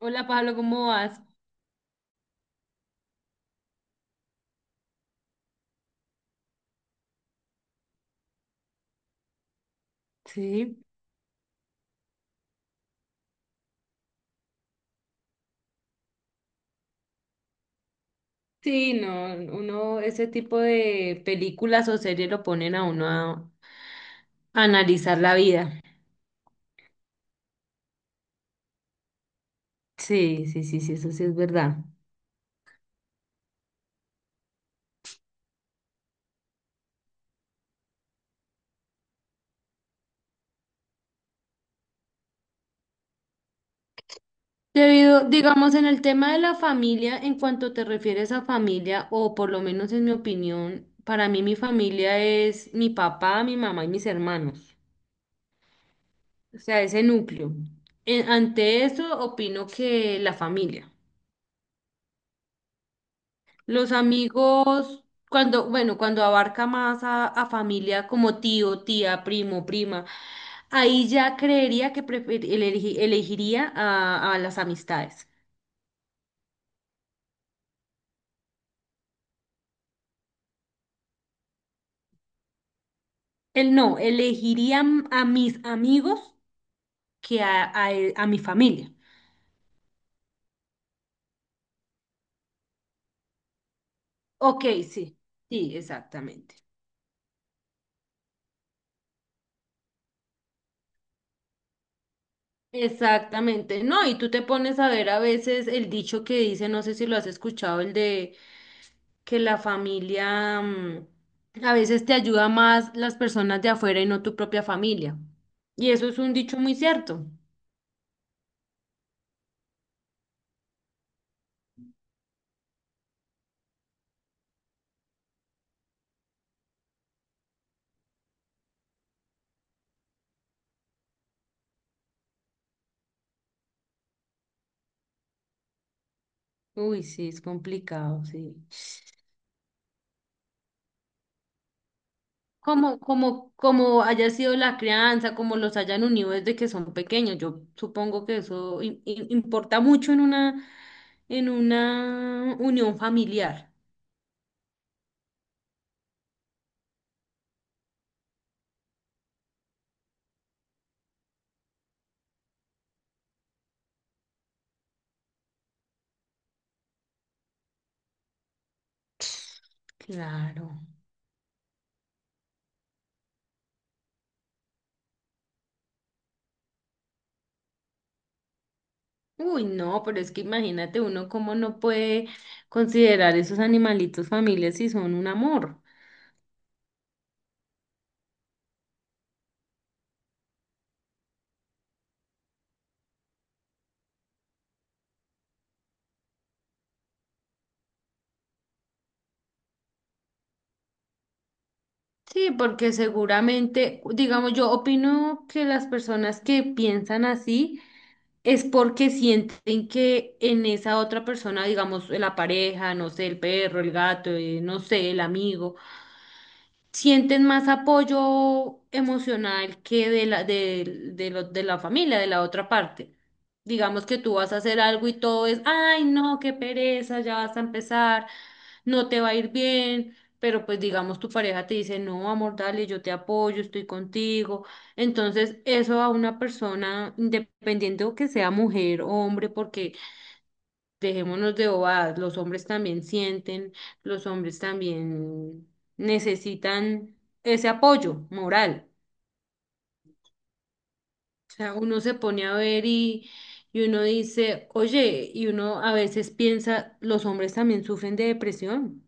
Hola Pablo, ¿cómo vas? Sí, sí, no, uno, ese tipo de películas o series lo ponen a uno a analizar la vida. Sí, sí, sí, sí, eso sí es verdad. Debido, digamos, en el tema de la familia, en cuanto te refieres a familia, o por lo menos en mi opinión, para mí mi familia es mi papá, mi mamá y mis hermanos. O sea, ese núcleo. Ante eso, opino que la familia. Los amigos, cuando, bueno, cuando abarca más a familia como tío, tía, primo, prima, ahí ya creería que elegiría a las amistades. Él no, elegiría a mis amigos que a, a mi familia. Ok, sí, sí, exactamente. Exactamente, no, y tú te pones a ver a veces el dicho que dice, no sé si lo has escuchado, el de que la familia, a veces te ayuda más las personas de afuera y no tu propia familia. Y eso es un dicho muy cierto. Uy, sí, es complicado, sí. Como, como, como haya sido la crianza, como los hayan unido desde que son pequeños. Yo supongo que eso importa mucho en una unión familiar. Claro. Uy, no, pero es que imagínate uno cómo no puede considerar esos animalitos familias si son un amor. Sí, porque seguramente, digamos, yo opino que las personas que piensan así es porque sienten que en esa otra persona, digamos, la pareja, no sé, el perro, el gato, no sé, el amigo, sienten más apoyo emocional que de la, de, de la familia, de la otra parte. Digamos que tú vas a hacer algo y todo es, ay, no, qué pereza, ya vas a empezar, no te va a ir bien, pero pues digamos tu pareja te dice, no, amor, dale, yo te apoyo, estoy contigo. Entonces, eso a una persona, independiente o que sea mujer o hombre, porque dejémonos de bobadas, los hombres también sienten, los hombres también necesitan ese apoyo moral. O sea, uno se pone a ver y uno dice, oye, y uno a veces piensa, los hombres también sufren de depresión.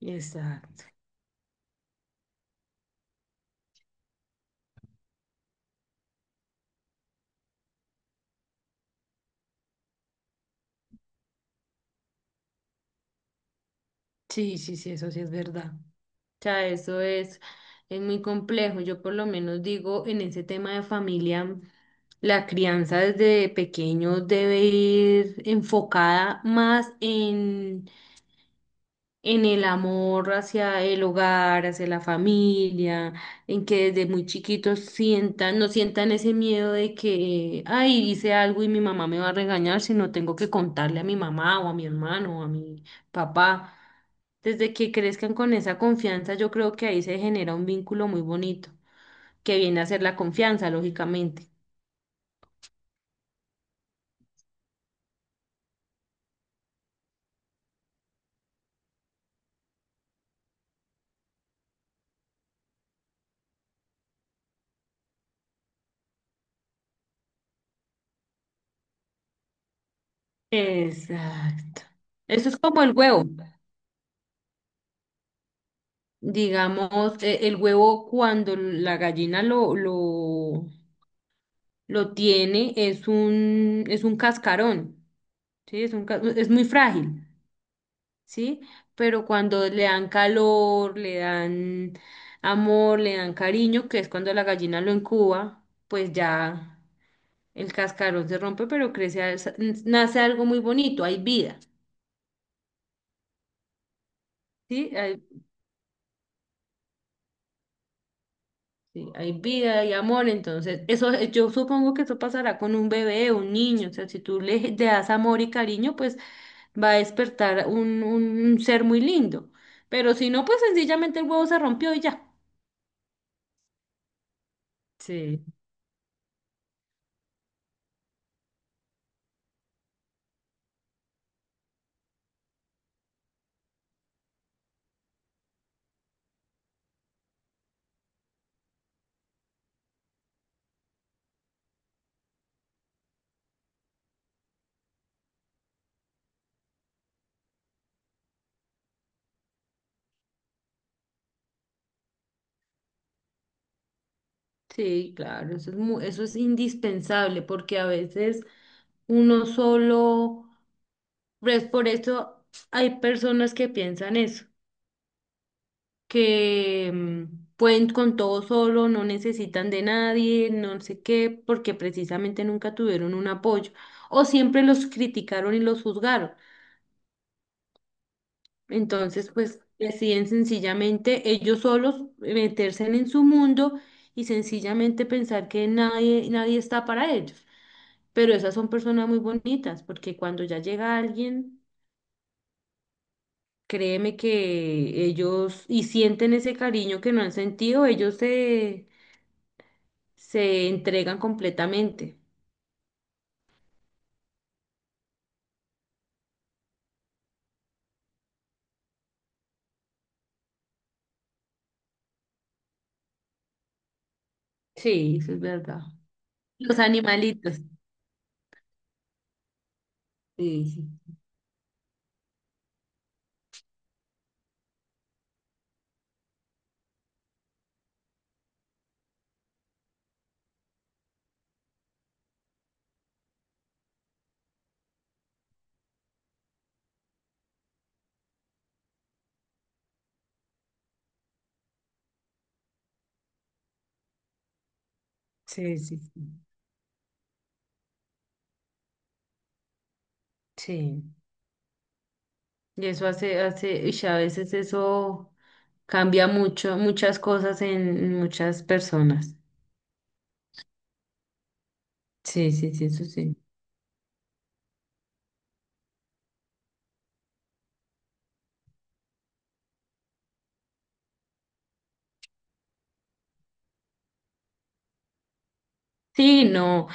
Y sí, sí, sí, eso sí es verdad. Sea, eso es muy complejo. Yo por lo menos digo, en ese tema de familia, la crianza desde pequeño debe ir enfocada más en el amor hacia el hogar, hacia la familia, en que desde muy chiquitos sientan, no sientan ese miedo de que, ay, hice algo y mi mamá me va a regañar, sino tengo que contarle a mi mamá o a mi hermano o a mi papá. Desde que crezcan con esa confianza, yo creo que ahí se genera un vínculo muy bonito, que viene a ser la confianza, lógicamente. Exacto. Eso es como el huevo. Digamos, el huevo cuando la gallina lo tiene, es un cascarón, ¿sí? Es un, es muy frágil, ¿sí? Pero cuando le dan calor, le dan amor, le dan cariño, que es cuando la gallina lo incuba, pues ya el cascarón se rompe, pero crece, nace algo muy bonito, hay vida, ¿sí? Sí, hay vida, hay amor, entonces eso yo supongo que eso pasará con un bebé, un niño, o sea, si tú le das amor y cariño, pues va a despertar un ser muy lindo, pero si no, pues sencillamente el huevo se rompió y ya. Sí, sí, claro, eso es eso es indispensable porque a veces uno solo, pues por eso hay personas que piensan eso, que pueden con todo solo, no necesitan de nadie, no sé qué, porque precisamente nunca tuvieron un apoyo o siempre los criticaron y los juzgaron. Entonces, pues deciden sencillamente ellos solos meterse en su mundo y sencillamente pensar que nadie, nadie está para ellos. Pero esas son personas muy bonitas, porque cuando ya llega alguien, créeme que ellos y sienten ese cariño que no han sentido, ellos se se entregan completamente. Sí, eso es verdad. Los animalitos. Sí, sí, sí, sí, sí. Sí. Y eso hace, hace, y a veces eso cambia mucho, muchas cosas en muchas personas. Sí, sí, sí, eso sí. Sí, no,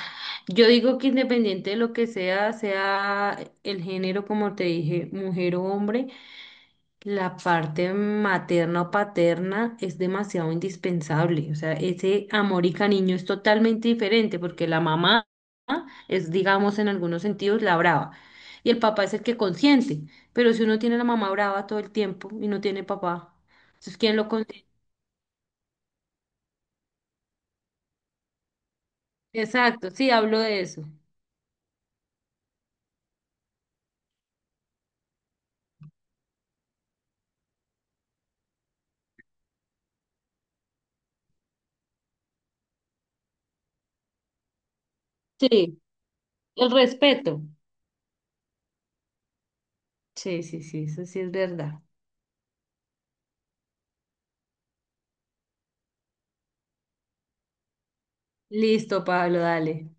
yo digo que independiente de lo que sea, sea el género, como te dije, mujer o hombre, la parte materna o paterna es demasiado indispensable. O sea, ese amor y cariño es totalmente diferente porque la mamá es, digamos, en algunos sentidos la brava y el papá es el que consiente. Pero si uno tiene a la mamá brava todo el tiempo y no tiene papá, entonces ¿quién lo consiente? Exacto, sí, hablo de eso. Sí, el respeto. Sí, sí, sí, eso sí es verdad. Listo, Pablo, dale.